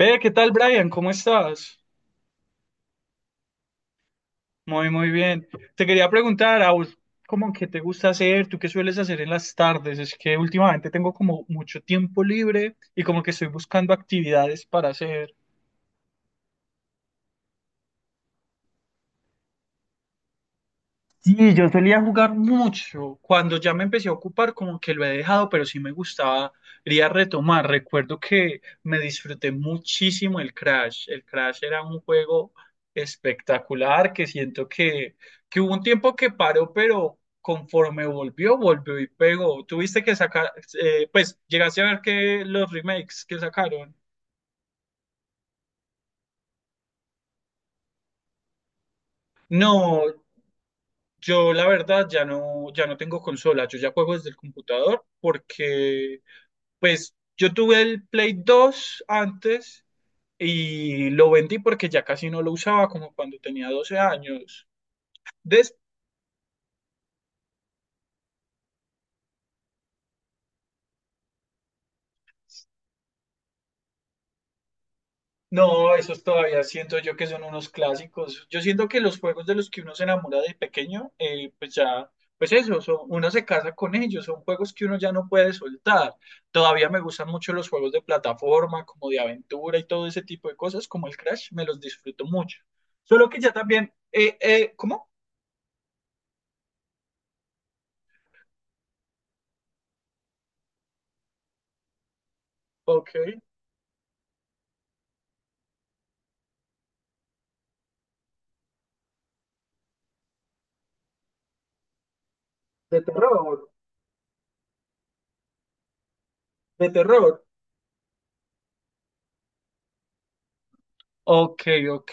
Ve, ¿qué tal, Brian? ¿Cómo estás? Muy, muy bien. Te quería preguntar, ¿a vos cómo que te gusta hacer? ¿Tú qué sueles hacer en las tardes? Es que últimamente tengo como mucho tiempo libre y como que estoy buscando actividades para hacer. Sí, yo solía jugar mucho. Cuando ya me empecé a ocupar, como que lo he dejado, pero sí me gustaba ir retomar. Recuerdo que me disfruté muchísimo el Crash. El Crash era un juego espectacular que siento que hubo un tiempo que paró, pero conforme volvió, volvió y pegó. Tuviste que sacar, pues llegaste a ver que los remakes que sacaron. No, yo la verdad ya no, ya no tengo consola. Yo ya juego desde el computador porque pues yo tuve el Play 2 antes y lo vendí porque ya casi no lo usaba como cuando tenía 12 años. Des- no, esos todavía siento yo que son unos clásicos. Yo siento que los juegos de los que uno se enamora de pequeño, pues ya, pues eso, uno se casa con ellos, son juegos que uno ya no puede soltar. Todavía me gustan mucho los juegos de plataforma, como de aventura y todo ese tipo de cosas, como el Crash, me los disfruto mucho. Solo que ya también, ¿cómo? Ok, de terror. De terror. Ok, ok.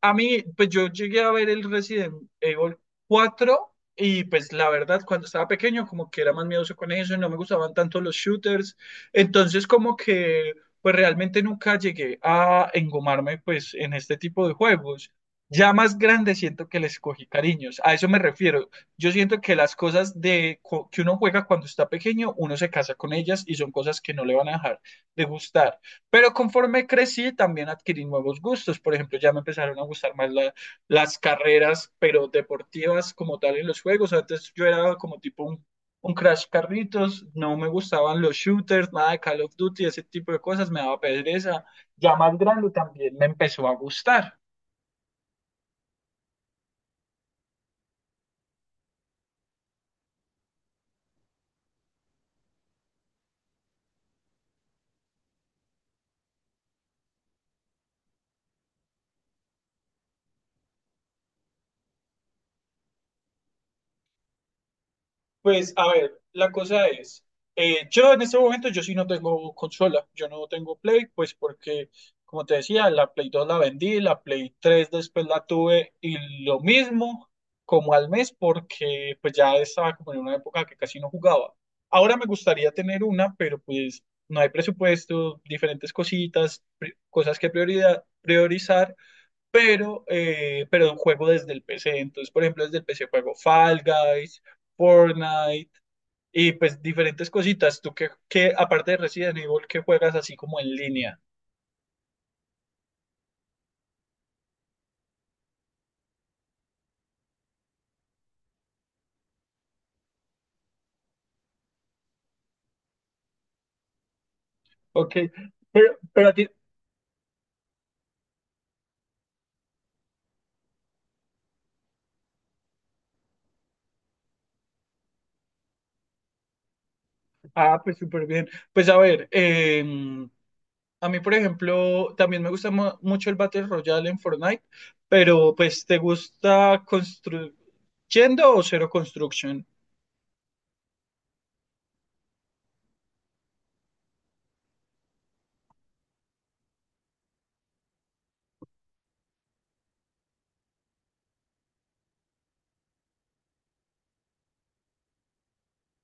A mí, pues yo llegué a ver el Resident Evil 4 y pues la verdad, cuando estaba pequeño como que era más miedoso con eso, no me gustaban tanto los shooters. Entonces como que pues realmente nunca llegué a engomarme pues en este tipo de juegos. Ya más grande siento que les cogí cariños, a eso me refiero. Yo siento que las cosas de que uno juega cuando está pequeño, uno se casa con ellas y son cosas que no le van a dejar de gustar. Pero conforme crecí, también adquirí nuevos gustos. Por ejemplo, ya me empezaron a gustar más las carreras, pero deportivas como tal en los juegos. Antes yo era como tipo un Crash Carritos, no me gustaban los shooters, nada de Call of Duty, ese tipo de cosas, me daba pereza. Ya más grande también me empezó a gustar. Pues a ver, la cosa es, yo en este momento yo sí no tengo consola, yo no tengo Play, pues porque, como te decía, la Play 2 la vendí, la Play 3 después la tuve y lo mismo como al mes porque pues ya estaba como en una época que casi no jugaba. Ahora me gustaría tener una, pero pues no hay presupuesto, diferentes cositas, cosas que prioridad, priorizar pero juego desde el PC. Entonces, por ejemplo, desde el PC juego Fall Guys, Fortnite y pues diferentes cositas. Tú que aparte de Resident Evil, que juegas así como en línea. Ok, pero a ti, ah, pues súper bien. Pues a ver, a mí, por ejemplo, también me gusta mucho el Battle Royale en Fortnite, pero pues ¿te gusta construyendo o cero construction?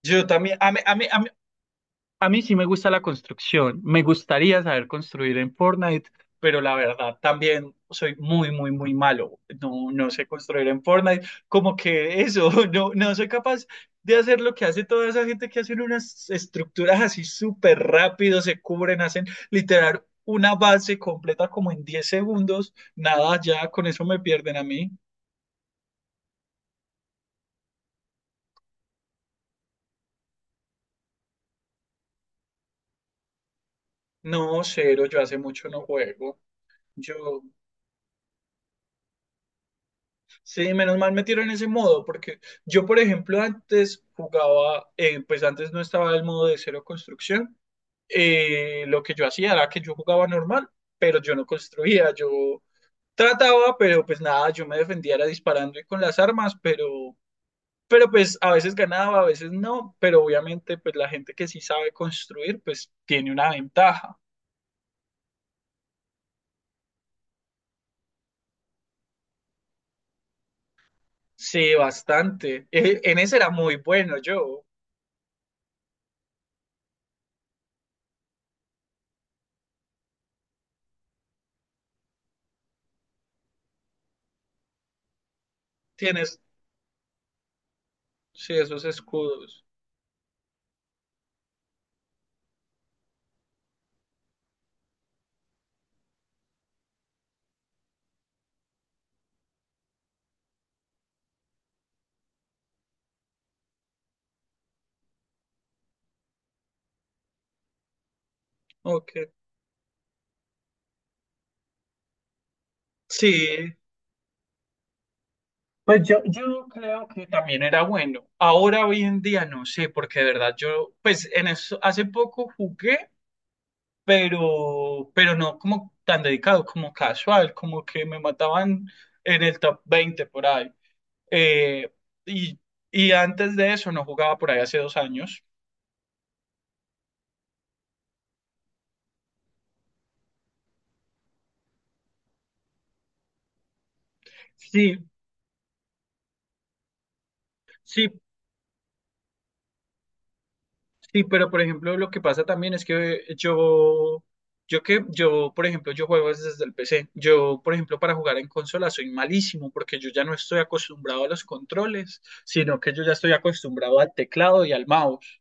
Yo también, a mí, a mí sí me gusta la construcción. Me gustaría saber construir en Fortnite, pero la verdad también soy muy, muy, muy malo. No, no sé construir en Fortnite. Como que eso, no, no soy capaz de hacer lo que hace toda esa gente que hacen unas estructuras así súper rápido, se cubren, hacen literal una base completa como en 10 segundos. Nada, ya con eso me pierden a mí. No, cero, yo hace mucho no juego. Yo sí, menos mal metieron ese modo, porque yo, por ejemplo, antes jugaba, pues antes no estaba el modo de cero construcción. Lo que yo hacía era que yo jugaba normal, pero yo no construía, yo trataba, pero pues nada, yo me defendía era disparando y con las armas, pero pues a veces ganaba, a veces no, pero obviamente pues la gente que sí sabe construir, pues tiene una ventaja. Sí, bastante. En ese era muy bueno yo. Tienes, sí, esos escudos. Ok. Sí, pues yo creo que también era bueno. Ahora, hoy en día, no sé, porque de verdad yo, pues en eso, hace poco jugué, pero no como tan dedicado, como casual, como que me mataban en el top 20 por ahí. Eh, y, Antes de eso no jugaba por ahí hace 2 años. Sí, sí, sí, pero por ejemplo, lo que pasa también es que yo, yo, por ejemplo, yo juego es desde el PC. Yo, por ejemplo, para jugar en consola soy malísimo porque yo ya no estoy acostumbrado a los controles, sino que yo ya estoy acostumbrado al teclado y al mouse.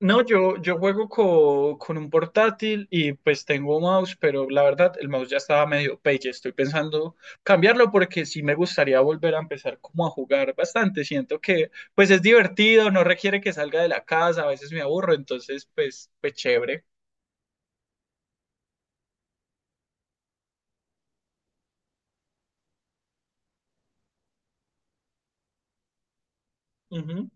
No, yo juego con un portátil y pues tengo mouse, pero la verdad el mouse ya estaba medio pelle. Estoy pensando cambiarlo porque sí me gustaría volver a empezar como a jugar bastante. Siento que pues es divertido, no requiere que salga de la casa, a veces me aburro, entonces pues, pues chévere. Ujú.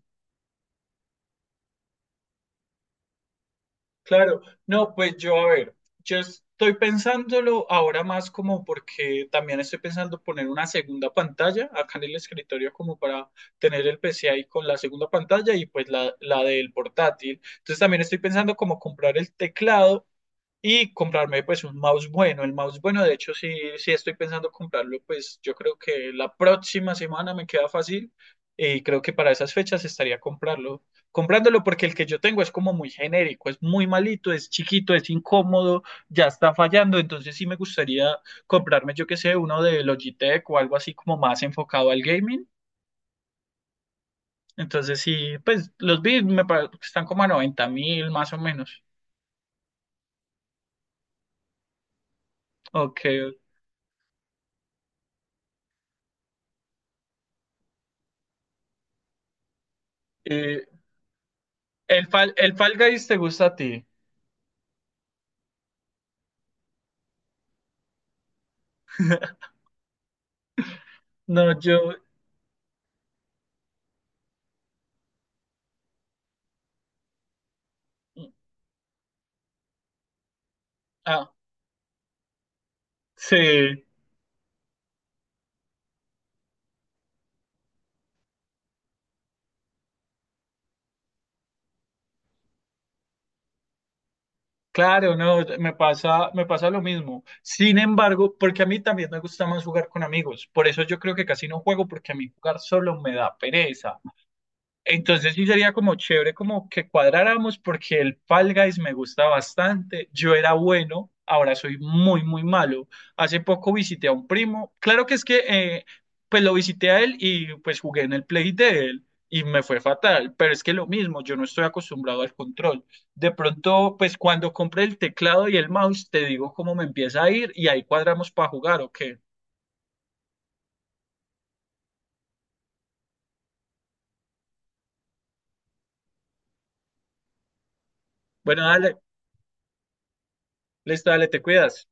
Claro, no, pues yo a ver, yo estoy pensándolo ahora más como porque también estoy pensando poner una segunda pantalla acá en el escritorio como para tener el PC ahí con la segunda pantalla y pues la del portátil. Entonces también estoy pensando como comprar el teclado y comprarme pues un mouse bueno. El mouse bueno, de hecho, sí, sí estoy pensando comprarlo, pues yo creo que la próxima semana me queda fácil y creo que para esas fechas estaría comprarlo. Comprándolo porque el que yo tengo es como muy genérico, es muy malito, es chiquito, es incómodo, ya está fallando, entonces sí me gustaría comprarme, yo que sé, uno de Logitech o algo así como más enfocado al gaming. Entonces sí, pues los vi, están como a 90 mil más o menos. Ok. Eh, El Fall, el Fall Guys te gusta a ti. No, yo. Ah, sí, claro, no, me pasa lo mismo. Sin embargo, porque a mí también me gusta más jugar con amigos. Por eso yo creo que casi no juego, porque a mí jugar solo me da pereza. Entonces sí sería como chévere como que cuadráramos porque el Fall Guys me gusta bastante. Yo era bueno, ahora soy muy, muy malo. Hace poco visité a un primo. Claro que es que pues lo visité a él y pues jugué en el play de él y me fue fatal. Pero es que lo mismo, yo no estoy acostumbrado al control. De pronto, pues cuando compré el teclado y el mouse, te digo cómo me empieza a ir y ahí cuadramos para jugar o qué. Bueno, dale, listo, dale, te cuidas.